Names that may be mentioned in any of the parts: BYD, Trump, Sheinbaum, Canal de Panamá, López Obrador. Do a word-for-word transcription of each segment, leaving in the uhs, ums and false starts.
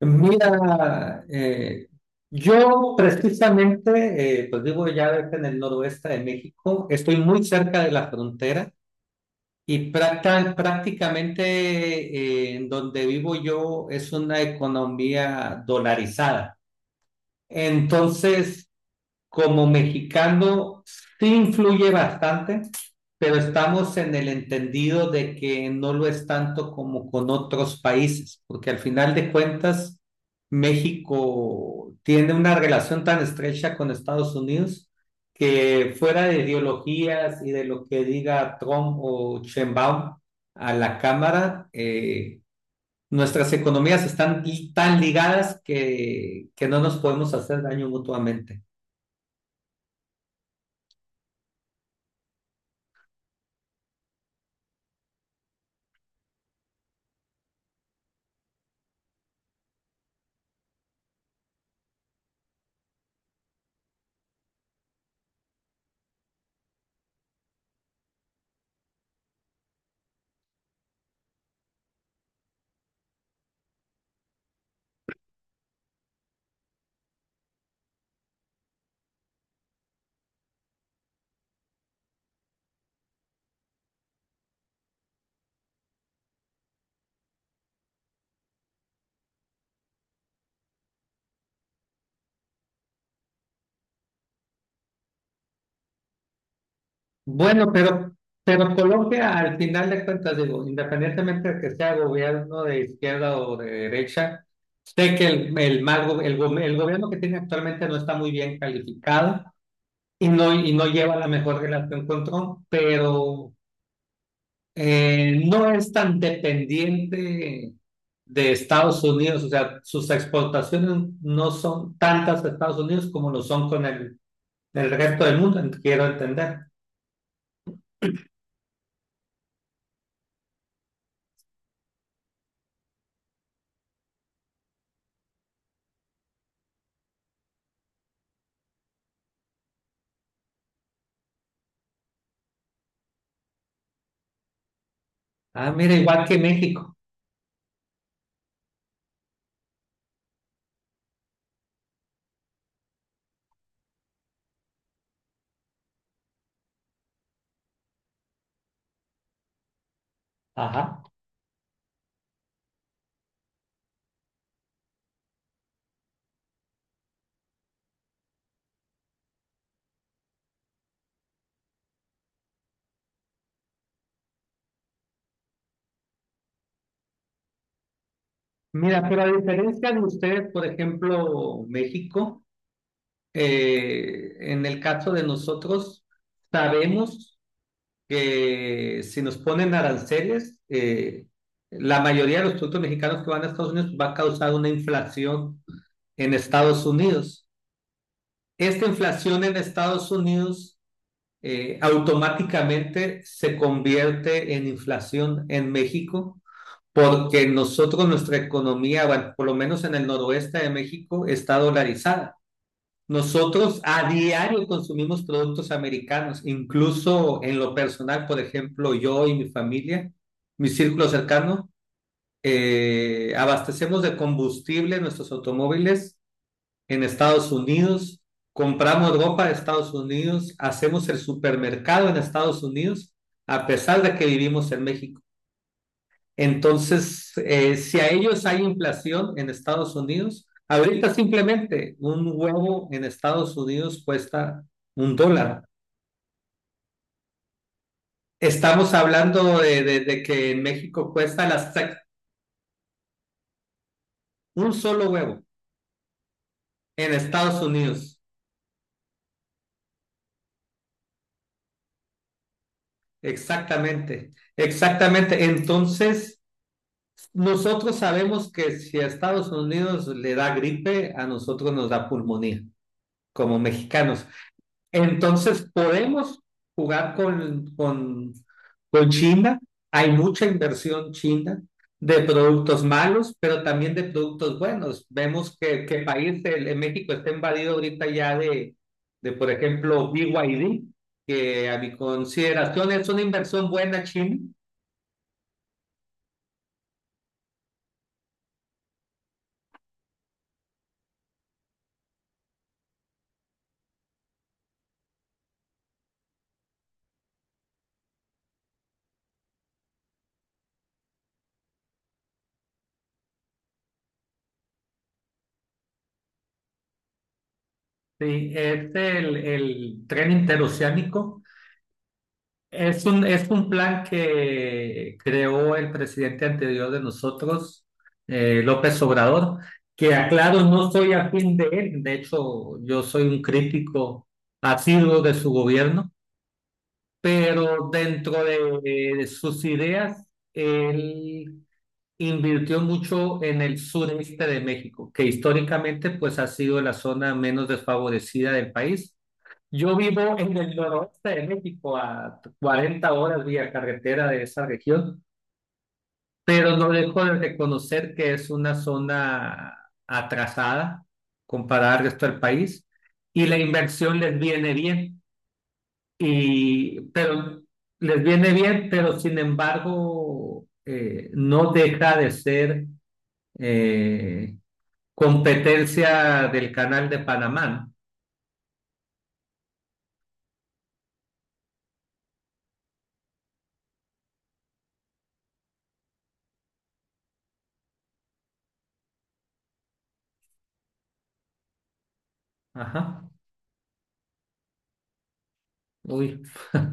Mira, eh, yo precisamente, eh, pues vivo ya en el noroeste de México, estoy muy cerca de la frontera y prácta- prácticamente eh, en donde vivo yo es una economía dolarizada. Entonces, como mexicano sí influye bastante, pero estamos en el entendido de que no lo es tanto como con otros países, porque al final de cuentas México tiene una relación tan estrecha con Estados Unidos que fuera de ideologías y de lo que diga Trump o Sheinbaum a la Cámara, eh, nuestras economías están tan ligadas que, que no nos podemos hacer daño mutuamente. Bueno, pero, pero Colombia, al final de cuentas, digo, independientemente de que sea gobierno de izquierda o de derecha, sé que el, el, mal go- el, go- el gobierno que tiene actualmente no está muy bien calificado y no, y no lleva la mejor relación con Trump, pero eh, no es tan dependiente de Estados Unidos, o sea, sus exportaciones no son tantas de Estados Unidos como lo son con el, el resto del mundo, quiero entender. Ah, mira, igual que México. Ajá. Mira, pero a diferencia de ustedes, por ejemplo, México, eh, en el caso de nosotros, sabemos que si nos ponen aranceles, eh, la mayoría de los productos mexicanos que van a Estados Unidos va a causar una inflación en Estados Unidos. Esta inflación en Estados Unidos eh, automáticamente se convierte en inflación en México porque nosotros, nuestra economía, bueno, por lo menos en el noroeste de México, está dolarizada. Nosotros a diario consumimos productos americanos, incluso en lo personal, por ejemplo, yo y mi familia, mi círculo cercano, eh, abastecemos de combustible nuestros automóviles en Estados Unidos, compramos ropa de Estados Unidos, hacemos el supermercado en Estados Unidos, a pesar de que vivimos en México. Entonces, eh, si a ellos hay inflación en Estados Unidos, ahorita simplemente un huevo en Estados Unidos cuesta un dólar. Estamos hablando de, de- de que en México cuesta las un solo huevo, en Estados Unidos. Exactamente, exactamente. Entonces, nosotros sabemos que si a Estados Unidos le da gripe, a nosotros nos da pulmonía, como mexicanos. Entonces podemos jugar con, con, con China. Hay mucha inversión china de productos malos, pero también de productos buenos. Vemos que, que país, el, el México está invadido ahorita ya de, de, por ejemplo, B Y D, que a mi consideración es una inversión buena china. Sí, es el, el tren interoceánico. Es un, es un plan que creó el presidente anterior de nosotros, eh, López Obrador, que aclaro, no soy afín de él, de hecho yo soy un crítico asiduo de su gobierno, pero dentro de, de sus ideas, él invirtió mucho en el sureste de México, que históricamente pues ha sido la zona menos desfavorecida del país. Yo vivo en el noroeste de México, a cuarenta horas vía carretera de esa región, pero no dejo de reconocer que es una zona atrasada comparada al resto del país y la inversión les viene bien, y, pero les viene bien, pero sin embargo eh, no deja de ser eh, competencia del Canal de Panamá. ¿No? Ajá. Uy.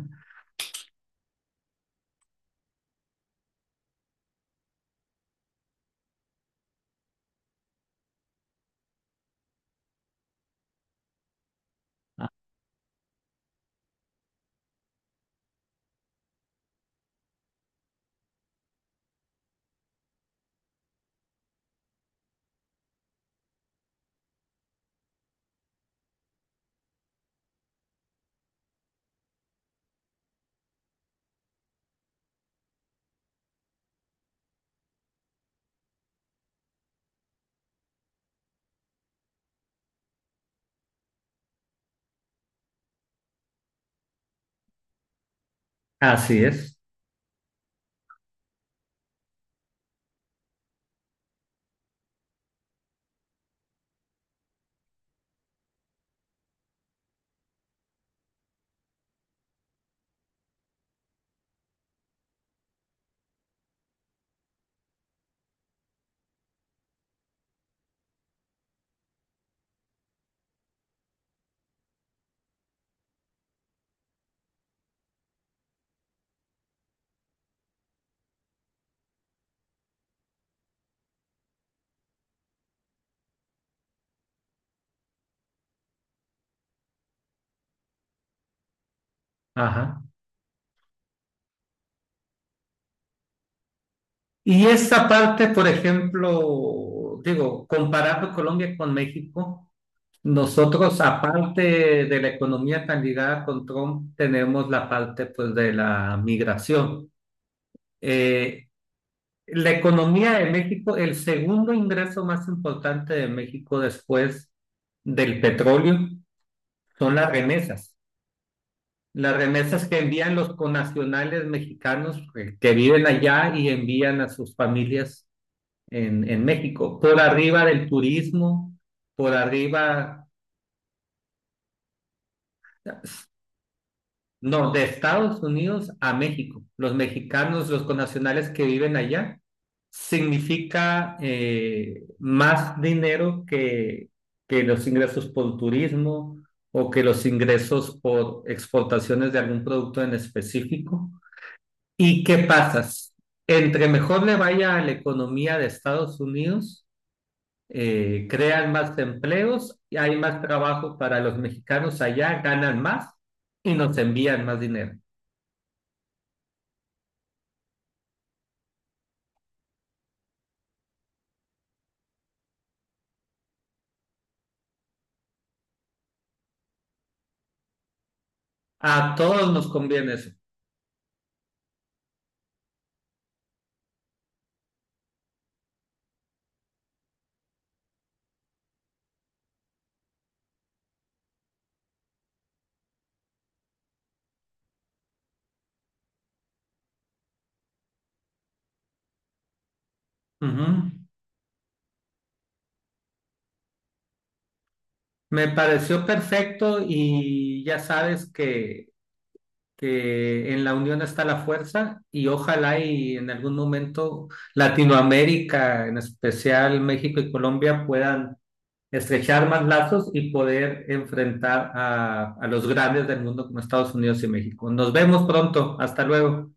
Así es. Ajá. Y esa parte, por ejemplo, digo, comparando Colombia con México, nosotros, aparte de la economía tan ligada con Trump, tenemos la parte, pues, de la migración. Eh, la economía de México, el segundo ingreso más importante de México después del petróleo, son las remesas. Las remesas que envían los conacionales mexicanos eh, que viven allá y envían a sus familias en, en México, por arriba del turismo, por arriba, no, de Estados Unidos a México. Los mexicanos, los connacionales que viven allá, significa eh, más dinero que, que los ingresos por turismo o que los ingresos por exportaciones de algún producto en específico. ¿Y qué pasa? Entre mejor le vaya a la economía de Estados Unidos, eh, crean más empleos, y hay más trabajo para los mexicanos allá, ganan más y nos envían más dinero. A todos nos conviene eso. Ujú. Me pareció perfecto y ya sabes que, que en la unión está la fuerza y ojalá y en algún momento Latinoamérica, en especial México y Colombia, puedan estrechar más lazos y poder enfrentar a, a los grandes del mundo como Estados Unidos y México. Nos vemos pronto. Hasta luego.